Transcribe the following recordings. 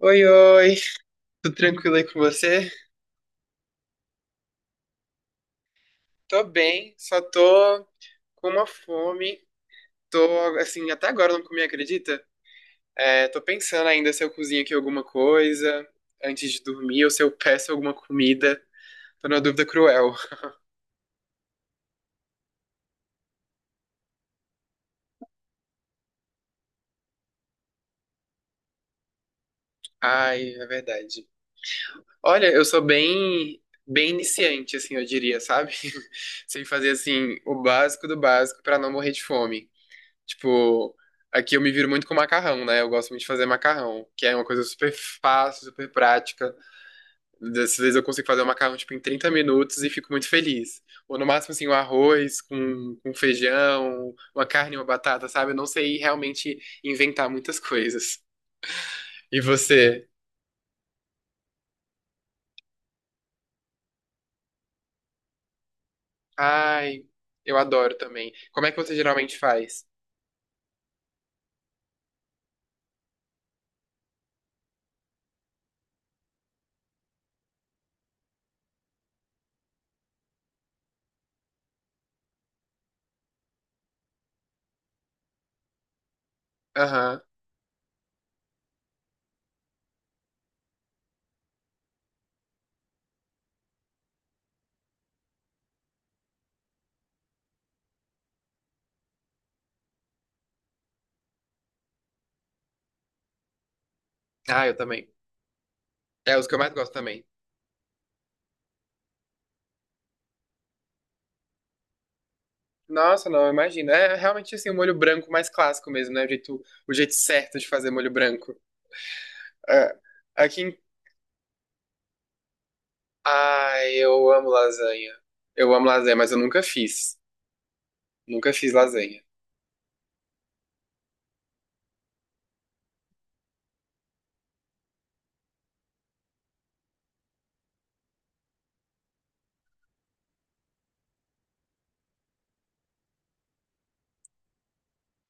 Oi, oi, tudo tranquilo aí com você? Tô bem, só tô com uma fome. Tô, assim, até agora eu não comi, acredita? É, tô pensando ainda se eu cozinho aqui alguma coisa antes de dormir ou se eu peço alguma comida. Tô numa dúvida cruel. Ai, é verdade. Olha, eu sou bem, bem iniciante, assim, eu diria, sabe? Sei fazer, assim, o básico do básico pra não morrer de fome. Tipo, aqui eu me viro muito com macarrão, né? Eu gosto muito de fazer macarrão, que é uma coisa super fácil, super prática. Às vezes eu consigo fazer o macarrão, tipo, em 30 minutos e fico muito feliz. Ou no máximo, assim, um arroz com feijão, uma carne, uma batata, sabe? Eu não sei realmente inventar muitas coisas. E você? Ai, eu adoro também. Como é que você geralmente faz? Aham. Ah, eu também. É os que eu mais gosto também. Nossa, não, imagina. É realmente assim, o molho branco mais clássico mesmo, né? O jeito certo de fazer molho branco. É. Aqui em... Ai, eu amo lasanha. Eu amo lasanha, mas eu nunca fiz. Nunca fiz lasanha.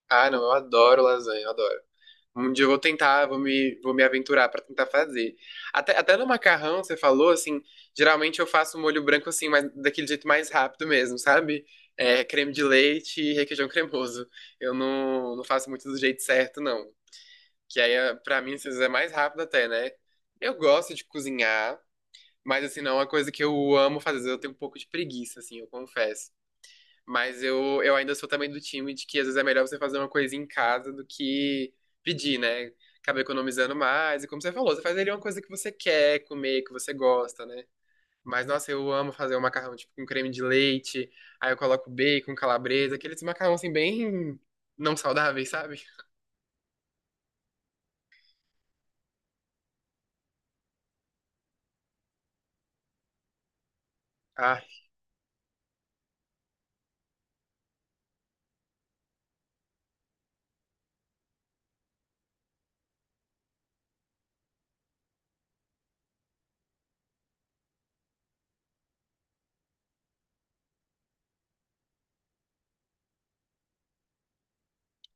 Ah, não, eu adoro lasanha, eu adoro. Um dia eu vou tentar, vou me aventurar pra tentar fazer. Até no macarrão, você falou, assim, geralmente eu faço um molho branco assim, mas daquele jeito mais rápido mesmo, sabe? É, creme de leite e requeijão cremoso. Eu não faço muito do jeito certo, não. Que aí, pra mim, às vezes é mais rápido até, né? Eu gosto de cozinhar, mas assim, não é uma coisa que eu amo fazer. Às vezes eu tenho um pouco de preguiça, assim, eu confesso. Mas eu ainda sou também do time de que às vezes é melhor você fazer uma coisa em casa do que pedir, né? Acaba economizando mais. E como você falou, você faz ali uma coisa que você quer comer, que você gosta, né? Mas, nossa, eu amo fazer um macarrão, tipo, com creme de leite. Aí eu coloco bacon, calabresa, aqueles macarrão, assim, bem não saudáveis, sabe? Ah,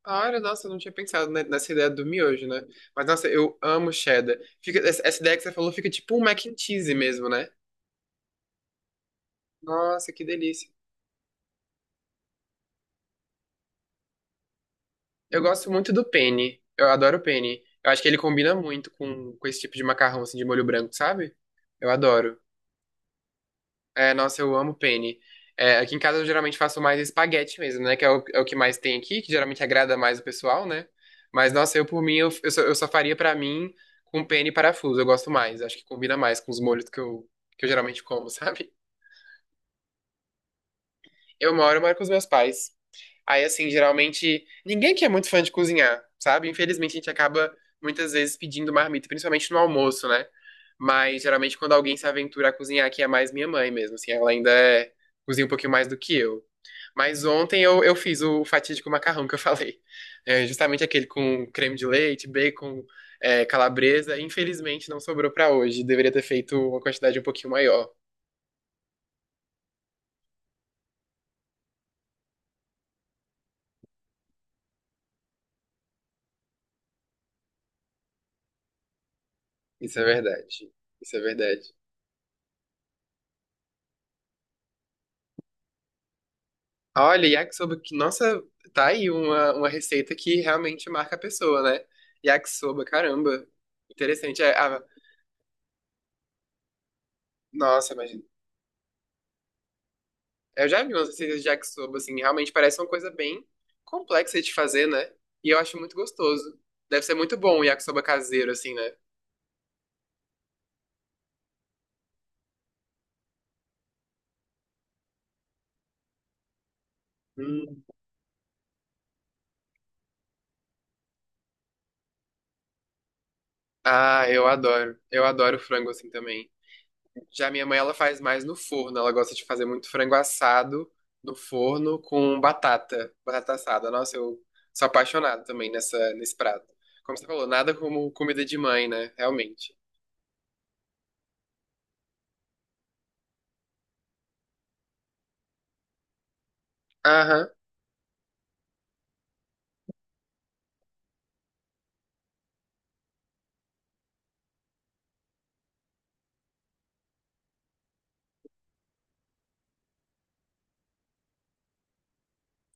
claro, nossa, eu não tinha pensado nessa ideia do miojo, né? Mas, nossa, eu amo cheddar. Fica, essa ideia que você falou fica tipo um mac and cheese mesmo, né? Nossa, que delícia. Eu gosto muito do penne. Eu adoro o penne. Eu acho que ele combina muito com esse tipo de macarrão, assim, de molho branco, sabe? Eu adoro. É, nossa, eu amo penne. É, aqui em casa eu geralmente faço mais espaguete mesmo, né? Que é o que mais tem aqui, que geralmente agrada mais o pessoal, né? Mas, nossa, eu por mim, eu só faria pra mim com penne e parafuso. Eu gosto mais. Acho que combina mais com os molhos que eu geralmente como, sabe? Eu moro com os meus pais. Aí, assim, geralmente, ninguém que é muito fã de cozinhar, sabe? Infelizmente, a gente acaba muitas vezes pedindo marmita, principalmente no almoço, né? Mas geralmente, quando alguém se aventura a cozinhar, que é mais minha mãe mesmo, assim, ela ainda cozinha um pouquinho mais do que eu. Mas ontem eu fiz o fatídico macarrão que eu falei. É justamente aquele com creme de leite, bacon, calabresa. Infelizmente, não sobrou pra hoje. Deveria ter feito uma quantidade um pouquinho maior. Isso é verdade. Isso é verdade. Olha, yakisoba que, nossa, tá aí uma receita que realmente marca a pessoa, né? Yakisoba, caramba. Interessante. Ah, nossa, imagina. Eu já vi umas receitas de yakisoba, assim, realmente parece uma coisa bem complexa de fazer, né? E eu acho muito gostoso. Deve ser muito bom o yakisoba caseiro, assim, né? Hum. Ah, eu adoro. Eu adoro frango, assim, também. Já minha mãe, ela faz mais no forno. Ela gosta de fazer muito frango assado no forno com batata, batata assada. Nossa, eu sou apaixonado também nesse prato. Como você falou, nada como comida de mãe, né? Realmente. Aham.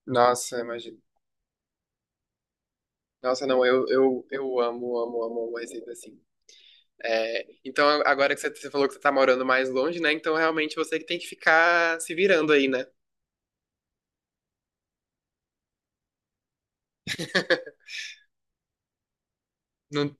Nossa, imagina. Nossa, não, eu amo, amo, amo uma receita assim. É, então, agora que você falou que você tá morando mais longe, né? Então, realmente, você que tem que ficar se virando aí, né? Não.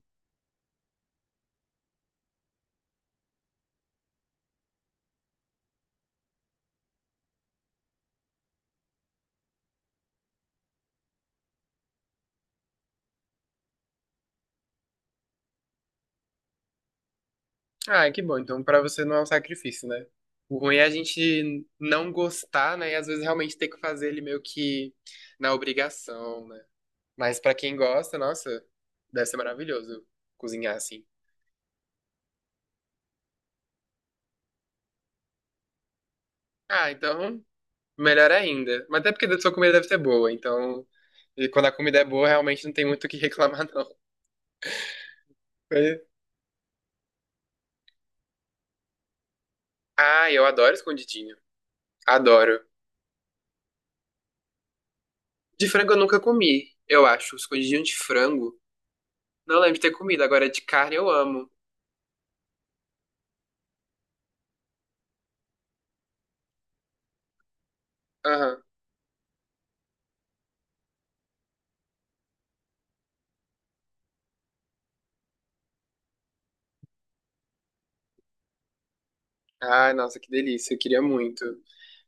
Ah, que bom. Então, pra você não é um sacrifício, né? O ruim é a gente não gostar, né? E às vezes realmente ter que fazer ele meio que na obrigação, né? Mas pra quem gosta, nossa, deve ser maravilhoso cozinhar assim. Ah, então, melhor ainda. Mas até porque a sua comida deve ser boa, então. E quando a comida é boa, realmente não tem muito o que reclamar, não. É. Ah, eu adoro escondidinho. Adoro. De frango eu nunca comi, eu acho. Escondidinho de frango. Não lembro de ter comido. Agora de carne eu amo. Aham. Ai, nossa, que delícia, eu queria muito.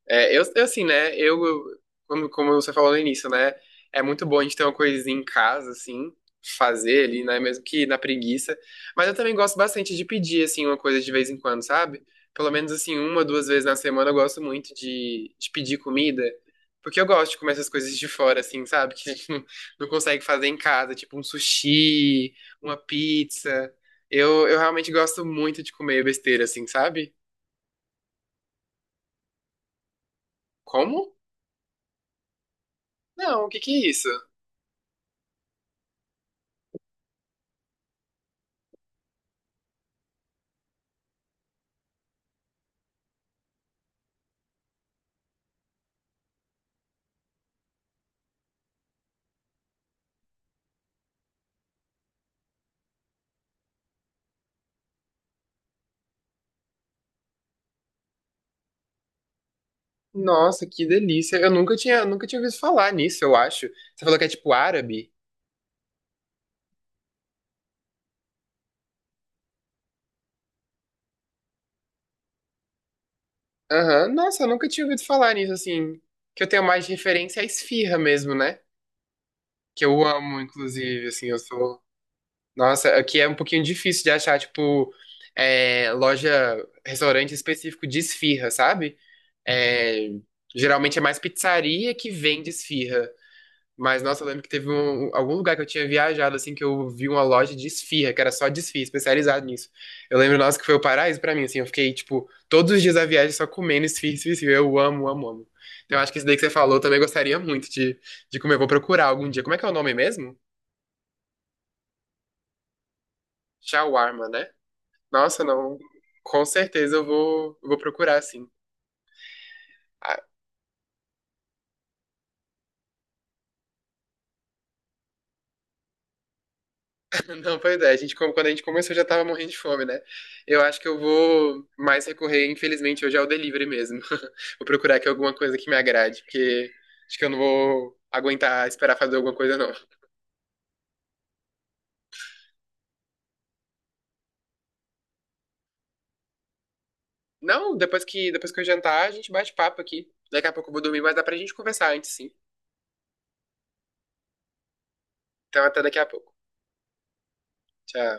É, assim, né, como você falou no início, né, é muito bom a gente ter uma coisinha em casa, assim, fazer ali, né, mesmo que na preguiça, mas eu também gosto bastante de pedir, assim, uma coisa de vez em quando, sabe? Pelo menos, assim, uma, duas vezes na semana eu gosto muito de pedir comida, porque eu gosto de comer essas coisas de fora, assim, sabe? Que a gente não consegue fazer em casa, tipo um sushi, uma pizza. Eu realmente gosto muito de comer besteira, assim, sabe? Como? Não, o que que é isso? Nossa, que delícia. Eu nunca tinha ouvido falar nisso, eu acho. Você falou que é tipo árabe? Aham. Nossa, eu nunca tinha ouvido falar nisso, assim. Que eu tenho mais de referência à esfirra mesmo, né? Que eu amo, inclusive, assim, eu sou. Nossa, aqui é um pouquinho difícil de achar, tipo, loja, restaurante específico de esfirra, sabe? É, geralmente é mais pizzaria que vende esfirra. Mas, nossa, eu lembro que teve algum lugar que eu tinha viajado, assim, que eu vi uma loja de esfirra, que era só de esfirra, especializado nisso. Eu lembro, nossa, que foi o paraíso pra mim, assim, eu fiquei, tipo, todos os dias da viagem só comendo esfirra, esfirra, esfirra. Eu amo, amo, amo. Então, eu acho que isso daí que você falou, eu também gostaria muito de comer. Eu vou procurar algum dia. Como é que é o nome mesmo? Shawarma, né? Nossa, não. Com certeza eu vou procurar, sim. Ah, não, pois é, a gente, quando a gente começou já tava morrendo de fome, né? Eu acho que eu vou mais recorrer, infelizmente, hoje ao delivery mesmo. Vou procurar aqui alguma coisa que me agrade, porque acho que eu não vou aguentar esperar fazer alguma coisa, não. Não, depois que eu jantar, a gente bate papo aqui. Daqui a pouco eu vou dormir, mas dá pra gente conversar antes, sim. Então até daqui a pouco. Tchau.